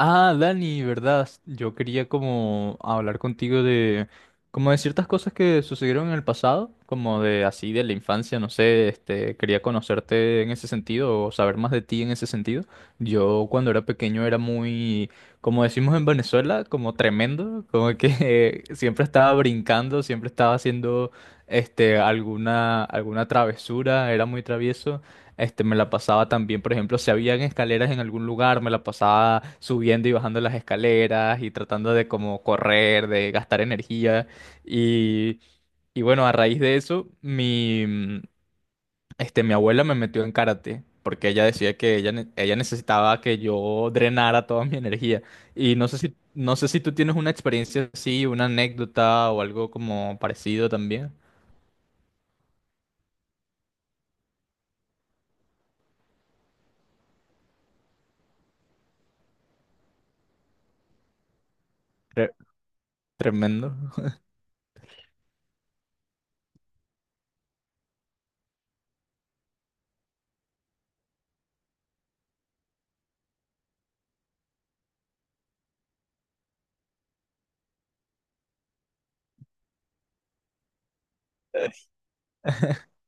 Ah, Dani, ¿verdad? Yo quería como hablar contigo de como de ciertas cosas que sucedieron en el pasado, como de así de la infancia, no sé, quería conocerte en ese sentido o saber más de ti en ese sentido. Yo cuando era pequeño era muy, como decimos en Venezuela, como tremendo, como que siempre estaba brincando, siempre estaba haciendo alguna travesura, era muy travieso. Me la pasaba también, por ejemplo, si habían escaleras en algún lugar, me la pasaba subiendo y bajando las escaleras y tratando de como correr, de gastar energía. Y, y bueno, a raíz de eso, mi abuela me metió en karate, porque ella decía que ella necesitaba que yo drenara toda mi energía. Y no sé no sé si tú tienes una experiencia así, una anécdota o algo como parecido también. Tre- Tremendo.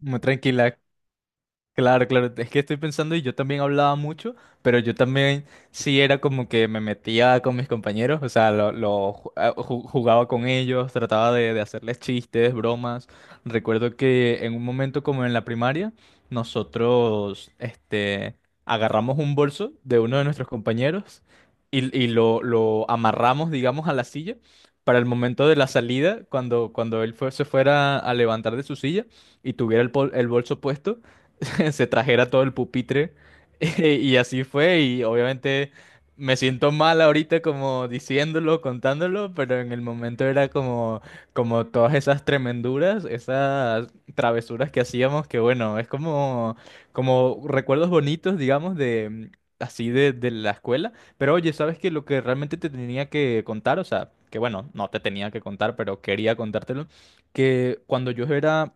Muy tranquila. Claro, claro, es que estoy pensando y yo también hablaba mucho, pero yo también sí era como que me metía con mis compañeros, o sea, lo ju- a- ju- jugaba con ellos, trataba de hacerles chistes, bromas. Recuerdo que en un momento como en la primaria, nosotros, este, agarramos un bolso de uno de nuestros compañeros y lo amarramos, digamos, a la silla para el momento de la salida, cuando se fuera a levantar de su silla y tuviera el bolso puesto, se trajera todo el pupitre. Y así fue, y obviamente me siento mal ahorita como diciéndolo, contándolo, pero en el momento era como, como todas esas tremenduras, esas travesuras que hacíamos, que bueno, es como, como recuerdos bonitos, digamos, de así de la escuela. Pero oye, ¿sabes que lo que realmente te tenía que contar, o sea, que bueno, no te tenía que contar, pero quería contártelo, que cuando yo era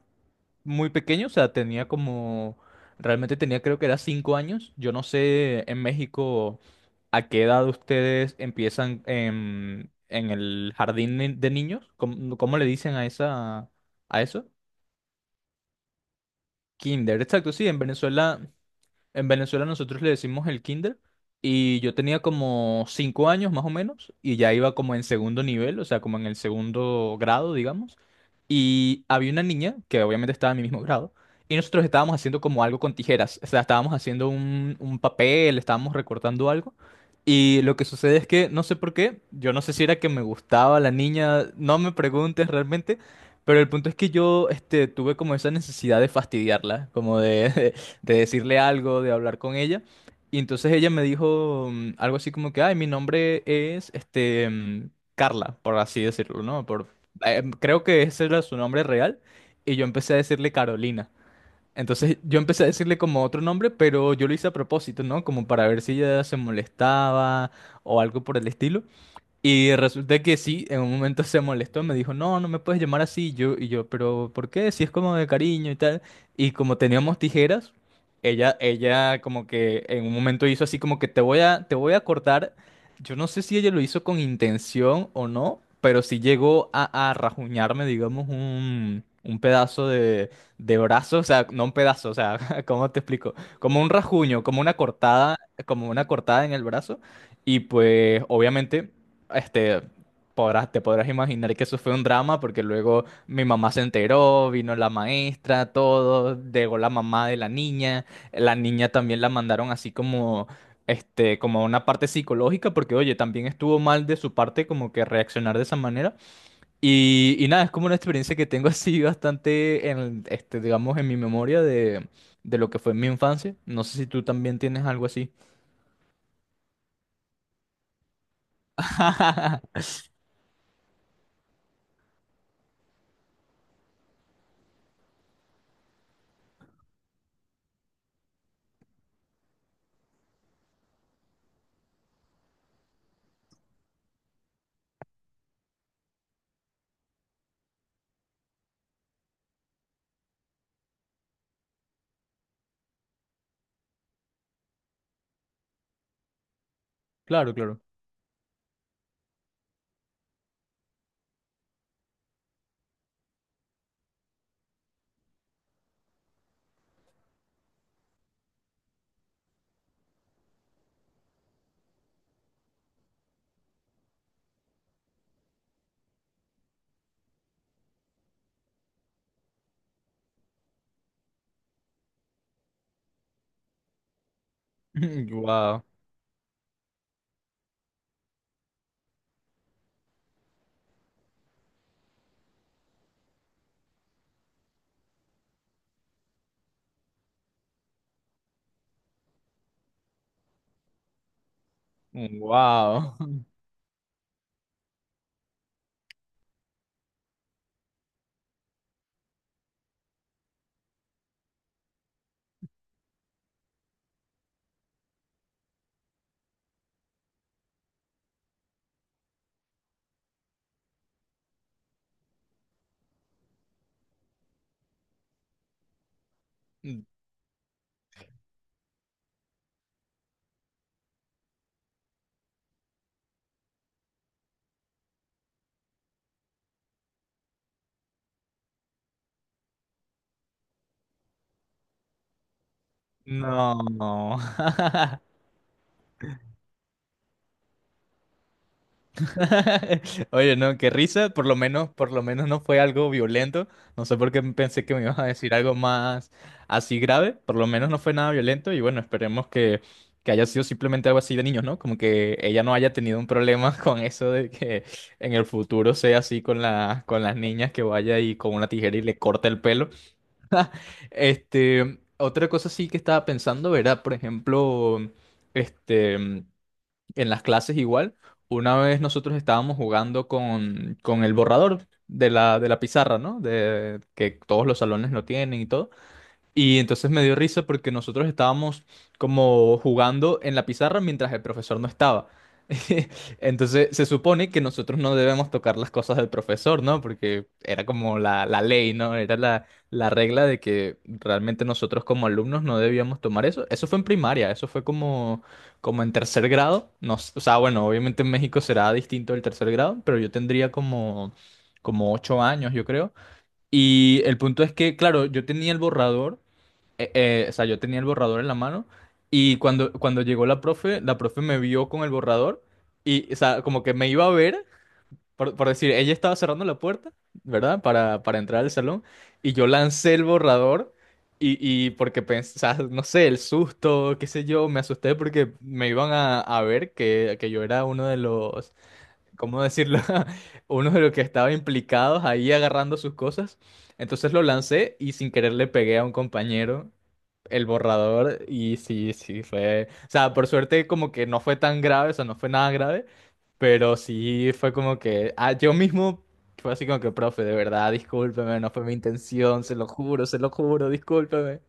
muy pequeño, o sea, tenía como, realmente tenía creo que era 5 años? Yo no sé en México a qué edad ustedes empiezan en el jardín de niños, ¿cómo, cómo le dicen a esa, a eso? Kinder, exacto, sí, en Venezuela nosotros le decimos el kinder y yo tenía como 5 años más o menos y ya iba como en segundo nivel, o sea, como en el segundo grado, digamos. Y había una niña que obviamente estaba en mi mismo grado y nosotros estábamos haciendo como algo con tijeras, o sea, estábamos haciendo un papel, estábamos recortando algo. Y lo que sucede es que no sé por qué, yo no sé si era que me gustaba la niña, no me preguntes realmente, pero el punto es que yo tuve como esa necesidad de fastidiarla, como de... de decirle algo, de hablar con ella. Y entonces ella me dijo, algo así como que, ay, mi nombre es, Carla, por así decirlo, ¿no? Creo que ese era su nombre real. Y yo empecé a decirle Carolina. Entonces yo empecé a decirle como otro nombre, pero yo lo hice a propósito, ¿no? Como para ver si ella se molestaba o algo por el estilo. Y resulta que sí, en un momento se molestó, me dijo, no, no me puedes llamar así. Y yo, pero ¿por qué? Si es como de cariño y tal. Y como teníamos tijeras, ella como que en un momento hizo así como que te voy a cortar. Yo no sé si ella lo hizo con intención o no, pero sí llegó a rajuñarme, digamos, un pedazo de brazo, o sea, no un pedazo, o sea, ¿cómo te explico? Como un rajuño, como una cortada en el brazo. Y pues, obviamente. Este, Podrás, te podrás imaginar que eso fue un drama porque luego mi mamá se enteró, vino la maestra, todo, llegó la mamá de la niña también la mandaron así como, como a una parte psicológica porque, oye, también estuvo mal de su parte como que reaccionar de esa manera. Y nada, es como una experiencia que tengo así bastante en, digamos, en mi memoria de lo que fue mi infancia. No sé si tú también tienes algo así. Claro, claro. Wow. Wow. No, no. Oye, no, qué risa. Por lo menos no fue algo violento. No sé por qué pensé que me ibas a decir algo más así grave. Por lo menos no fue nada violento. Y bueno, esperemos que haya sido simplemente algo así de niños, ¿no? Como que ella no haya tenido un problema con eso de que en el futuro sea así con la, con las niñas que vaya y con una tijera y le corta el pelo. Otra cosa sí que estaba pensando era, por ejemplo, este. En las clases igual. Una vez nosotros estábamos jugando con el borrador de la pizarra, ¿no? De, que todos los salones lo tienen y todo. Y entonces me dio risa porque nosotros estábamos como jugando en la pizarra mientras el profesor no estaba. Entonces se supone que nosotros no debemos tocar las cosas del profesor, ¿no? Porque era como la ley, ¿no? Era la, la regla de que realmente nosotros como alumnos no debíamos tomar eso. Eso fue en primaria, eso fue como, como en tercer grado. No, s- O sea, bueno, obviamente en México será distinto el tercer grado, pero yo tendría como, como 8 años, yo creo. Y el punto es que, claro, yo tenía el borrador, o sea, yo tenía el borrador en la mano y cuando llegó la profe me vio con el borrador y, o sea, como que me iba a ver, por decir, ella estaba cerrando la puerta, ¿verdad? Para entrar al salón, y yo lancé el borrador y porque pensé, o sea, no sé, el susto, qué sé yo, me asusté porque me iban a ver que yo era uno de los, ¿cómo decirlo? Uno de los que estaba implicados ahí agarrando sus cosas. Entonces lo lancé y sin querer le pegué a un compañero el borrador y sí, sí, fue, o sea, por suerte como que no fue tan grave, o sea, no fue nada grave, pero sí fue como que, ah, yo mismo fue así como que, profe, de verdad, discúlpeme, no fue mi intención, se lo juro, discúlpeme.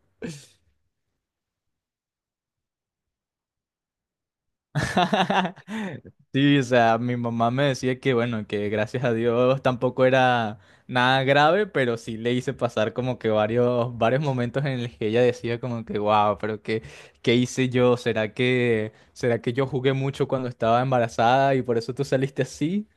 Sí, o sea, mi mamá me decía que bueno, que gracias a Dios tampoco era nada grave, pero sí le hice pasar como que varios, varios momentos en los que ella decía como que wow, pero qué, qué hice yo, será que yo jugué mucho cuando estaba embarazada y por eso tú saliste así?